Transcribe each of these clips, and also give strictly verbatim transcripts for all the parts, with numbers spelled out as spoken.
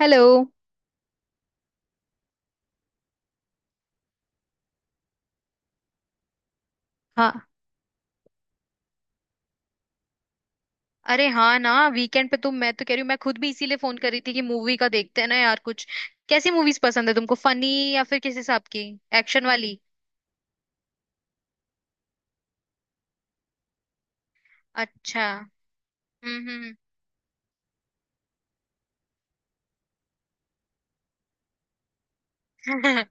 Hello. हाँ। अरे हाँ ना, वीकेंड पे तुम, मैं तो कह रही हूँ, मैं खुद भी इसीलिए फोन कर रही थी कि मूवी का देखते हैं ना यार कुछ। कैसी मूवीज पसंद है तुमको? फनी, या फिर किस हिसाब की? एक्शन वाली? अच्छा। हम्म हम्म।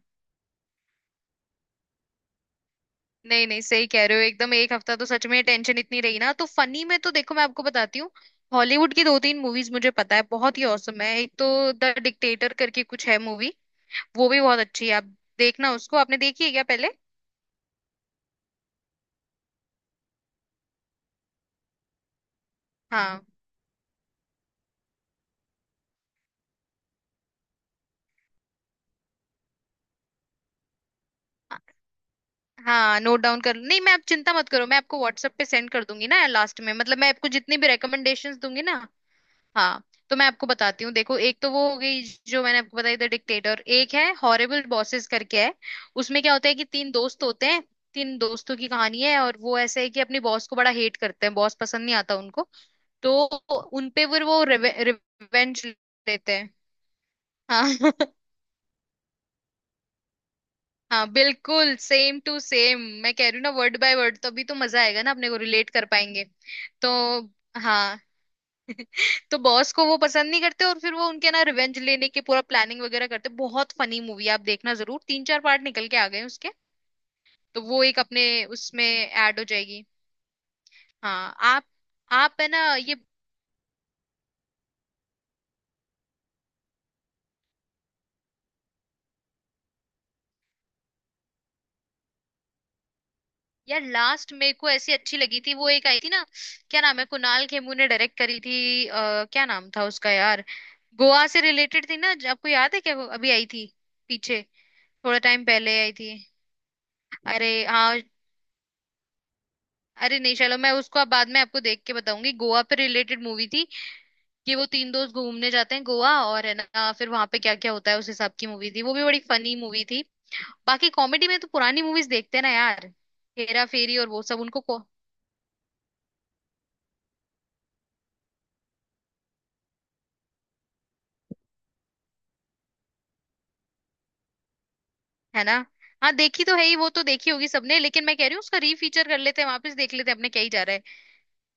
नहीं नहीं, सही कह रहे हो एकदम। एक हफ्ता तो सच में टेंशन इतनी रही ना। तो फनी में तो देखो, मैं आपको बताती हूँ। हॉलीवुड की दो तीन मूवीज मुझे पता है, बहुत ही औसम है। एक तो द डिक्टेटर करके कुछ है मूवी। वो भी बहुत अच्छी है, आप देखना उसको। आपने देखी है क्या पहले? हाँ हाँ, नोट डाउन कर, नहीं मैं, आप चिंता मत करो, मैं आपको व्हाट्सएप पे सेंड कर दूंगी ना लास्ट में। मतलब मैं आपको जितनी भी रिकमेंडेशंस दूंगी ना। हाँ, तो मैं आपको बताती हूँ। देखो, एक तो वो हो गई जो मैंने आपको बताई, द डिक्टेटर। एक है हॉरिबल बॉसेस करके है। उसमें क्या होता है कि तीन दोस्त होते हैं। तीन दोस्तों की कहानी है, और वो ऐसे है कि अपने बॉस को बड़ा हेट करते हैं, बॉस पसंद नहीं आता उनको। तो उनपे फिर वो रिवेंज लेते हैं। हाँ। हाँ बिल्कुल सेम टू सेम, मैं कह रही हूँ ना, वर्ड बाय वर्ड। तो अभी तो मजा आएगा ना, अपने को रिलेट कर पाएंगे। तो हाँ, तो बॉस को वो पसंद नहीं करते और फिर वो उनके ना रिवेंज लेने के पूरा प्लानिंग वगैरह करते। बहुत फनी मूवी है, आप देखना जरूर। तीन चार पार्ट निकल के आ गए हैं उसके। तो वो एक अपने उसमें ऐड हो जाएगी। हाँ। आप आप है ना ये यार, लास्ट मेरे को ऐसी अच्छी लगी थी, वो एक आई थी ना। क्या नाम है, कुणाल खेमू ने डायरेक्ट करी थी, आ, क्या नाम था उसका यार? गोवा से रिलेटेड थी ना, ज- आपको याद है क्या? वो अभी आई थी पीछे, थोड़ा टाइम पहले आई थी। अरे हाँ। अरे नहीं, चलो मैं उसको अब बाद में आपको देख के बताऊंगी। गोवा पे रिलेटेड मूवी थी कि वो तीन दोस्त घूमने जाते हैं गोवा, और है ना, फिर वहां पे क्या क्या होता है, उस हिसाब की मूवी थी। वो भी बड़ी फनी मूवी थी। बाकी कॉमेडी में तो पुरानी मूवीज देखते हैं ना यार, हेरा फेरी और वो सब उनको। है ना। हाँ देखी तो है ही, वो तो देखी होगी सबने, लेकिन मैं कह रही हूँ उसका रीफीचर कर लेते हैं, वापस देख लेते हैं, अपने क्या ही जा रहा है।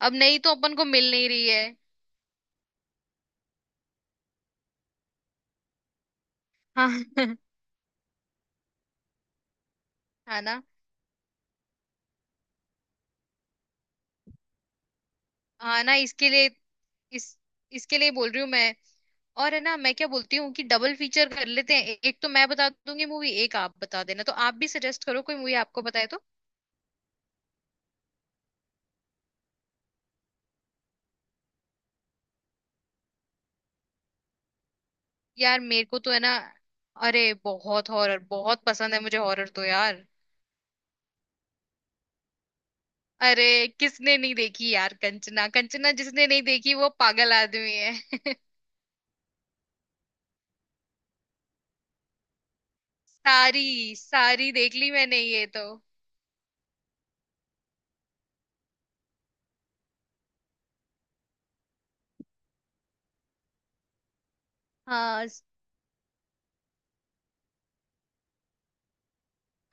अब नहीं तो अपन को मिल नहीं रही है। हाँ। है ना। हाँ ना, इसके लिए इस इसके लिए बोल रही हूँ मैं। और है ना, मैं क्या बोलती हूँ कि डबल फीचर कर लेते हैं। ए- एक तो मैं बता दूंगी मूवी, एक आप बता देना। तो आप भी सजेस्ट करो कोई मूवी आपको बताए तो। यार मेरे को तो है ना, अरे बहुत हॉरर, बहुत पसंद है मुझे, हॉरर तो यार। अरे, किसने नहीं देखी यार कंचना! कंचना जिसने नहीं देखी वो पागल आदमी है। सारी सारी देख ली मैंने ये तो। हाँ स-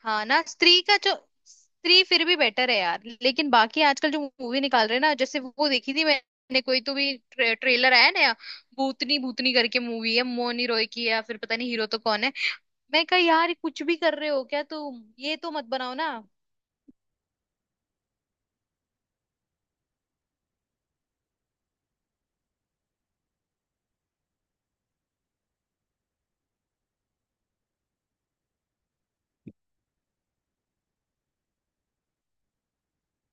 हाँ ना, स्त्री का जो, स्त्री फिर भी बेटर है यार, लेकिन बाकी आजकल जो मूवी निकाल रहे हैं ना, जैसे वो देखी थी मैंने कोई, तो भी ट्रे, ट्रेलर आया नया, भूतनी भूतनी करके मूवी है मोनी रॉय की, या फिर पता नहीं हीरो तो कौन है। मैं कहा, यार कुछ भी कर रहे हो क्या तुम? ये तो मत बनाओ ना।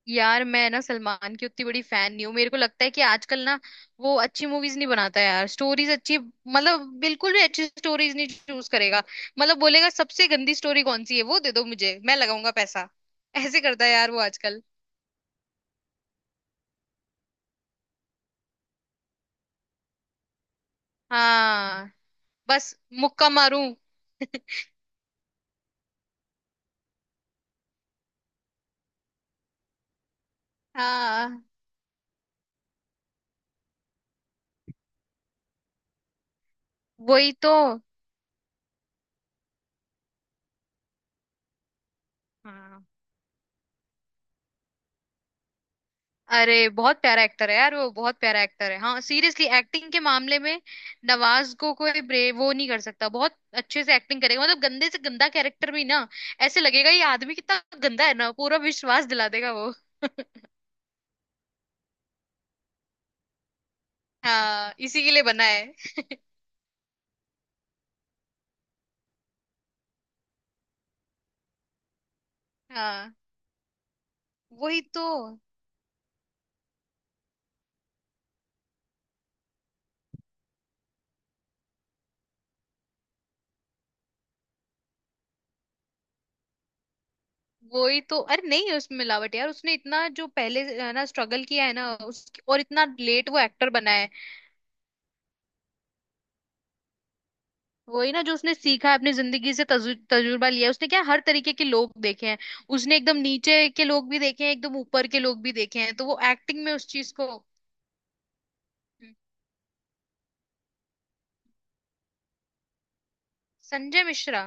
यार मैं ना सलमान की उतनी बड़ी फैन नहीं हूँ, मेरे को लगता है कि आजकल ना वो अच्छी मूवीज नहीं बनाता यार। स्टोरीज अच्छी, मतलब बिल्कुल भी अच्छी स्टोरीज नहीं चूज करेगा। मतलब बोलेगा सबसे गंदी स्टोरी कौन सी है, वो दे दो मुझे, मैं लगाऊंगा पैसा। ऐसे करता है यार वो आजकल। हाँ बस, मुक्का मारूं। हाँ वही तो। हाँ, अरे बहुत प्यारा एक्टर है यार वो, बहुत प्यारा एक्टर है। हाँ सीरियसली, एक्टिंग के मामले में नवाज को कोई ब्रे, वो नहीं कर सकता। बहुत अच्छे से एक्टिंग करेगा, मतलब गंदे से गंदा कैरेक्टर भी ना ऐसे लगेगा ये आदमी कितना गंदा है ना, पूरा विश्वास दिला देगा वो। हाँ, इसी के लिए बना है। हाँ वही तो। वही तो, अरे नहीं है उसमें मिलावट यार, उसने इतना जो पहले अ, ना स्ट्रगल किया है ना, उस और इतना लेट वो एक्टर बना है। वही ना, जो उसने सीखा है अपनी जिंदगी से, तजु, तजुर्बा लिया है। उसने क्या हर तरीके के लोग देखे हैं। उसने एकदम नीचे के लोग भी देखे हैं, एकदम ऊपर के लोग भी देखे हैं, तो वो एक्टिंग में उस चीज को, हम्म, संजय मिश्रा।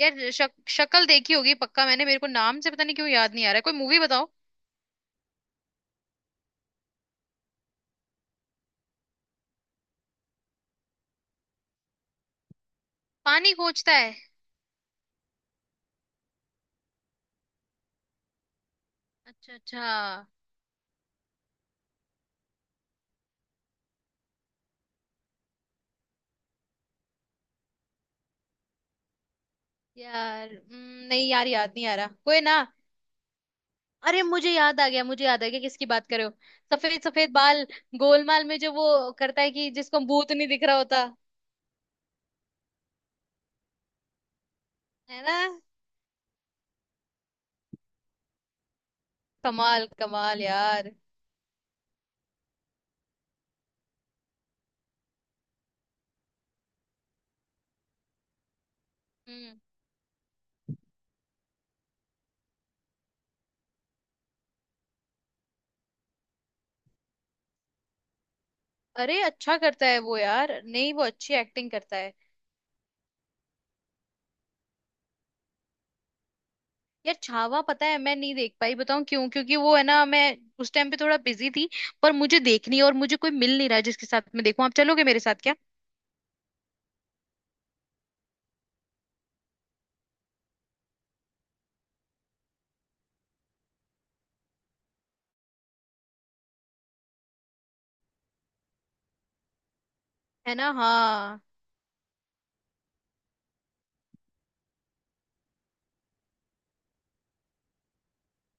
यार शक, शक्ल देखी होगी पक्का मैंने, मेरे को नाम से पता नहीं क्यों याद नहीं आ रहा है, कोई मूवी बताओ। पानी खोजता है? अच्छा अच्छा। यार हम्म, नहीं यार याद नहीं आ रहा कोई ना। अरे मुझे याद आ गया, मुझे याद आ गया किसकी बात कर रहे हो। सफेद सफेद बाल। गोलमाल में जो वो करता है कि जिसको भूत नहीं दिख रहा होता। है ना, कमाल, कमाल यार। हम्म। अरे अच्छा करता है वो यार, नहीं वो अच्छी एक्टिंग करता है। यार छावा पता है मैं नहीं देख पाई, बताऊं क्यों? क्योंकि वो है ना, मैं उस टाइम पे थोड़ा बिजी थी। पर मुझे देखनी है, और मुझे कोई मिल नहीं रहा जिसके साथ मैं देखूं, आप चलोगे मेरे साथ क्या? है ना। हाँ,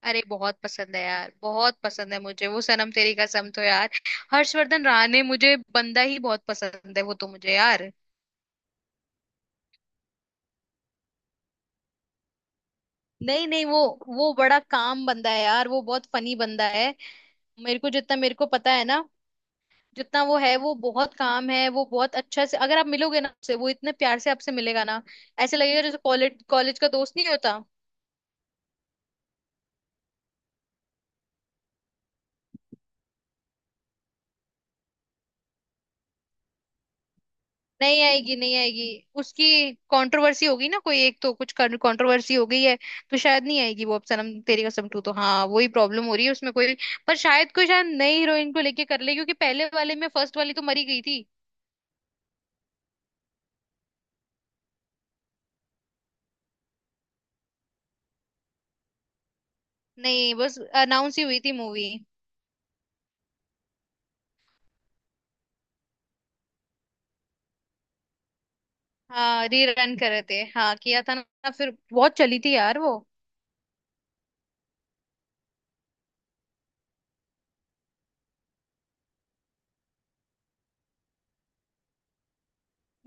अरे बहुत पसंद है यार, बहुत पसंद है मुझे वो सनम तेरी कसम तो यार। हर्षवर्धन राणे, मुझे बंदा ही बहुत पसंद है वो तो मुझे यार। नहीं नहीं, वो वो बड़ा काम बंदा है यार, वो बहुत फनी बंदा है। मेरे को जितना मेरे को पता है ना, जितना वो है वो बहुत काम है। वो बहुत अच्छा से, अगर आप मिलोगे ना उससे, वो इतने प्यार से आपसे मिलेगा ना। ऐसे लगेगा जैसे कॉलेज कॉलेज का दोस्त, नहीं होता। नहीं आएगी, नहीं आएगी। उसकी कंट्रोवर्सी होगी ना, कोई एक तो कुछ कंट्रोवर्सी हो गई है। तो शायद नहीं आएगी वो, अब सनम तेरी कसम टू तो, हाँ वही प्रॉब्लम हो रही है उसमें कोई। पर शायद कोई, शायद नई हीरोइन को लेके कर ले, क्योंकि पहले वाले में फर्स्ट वाली तो मरी गई थी। नहीं बस अनाउंस ही हुई थी मूवी। हाँ रीरन कर रहे थे, हाँ किया था ना, फिर बहुत चली थी यार वो।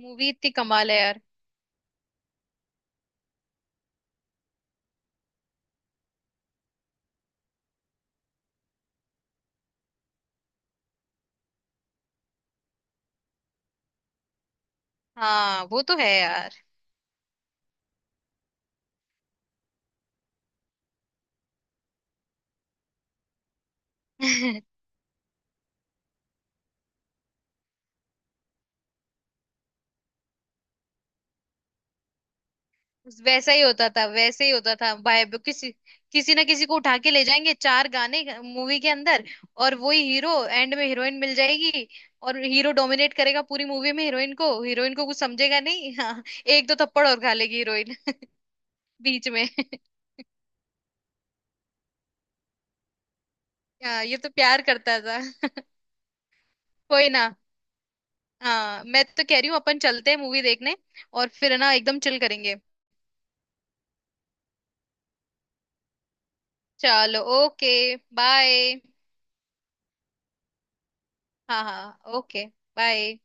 मूवी इतनी कमाल है यार। हाँ वो तो है यार। वैसा ही होता था, वैसे ही होता था भाई, अब किसी किसी ना किसी को उठा के ले जाएंगे, चार गाने मूवी के अंदर, और वही हीरो एंड में हीरोइन मिल जाएगी। और हीरो डोमिनेट करेगा पूरी मूवी में हीरोइन को, हीरोइन को कुछ समझेगा नहीं। हाँ, एक दो थप्पड़ और खा लेगी हीरोइन। बीच में। हाँ, ये तो प्यार करता था। कोई ना। हाँ मैं तो कह रही हूँ अपन चलते हैं मूवी देखने, और फिर ना एकदम चिल करेंगे। चलो। ओके। बाय। हाँ हाँ ओके। बाय।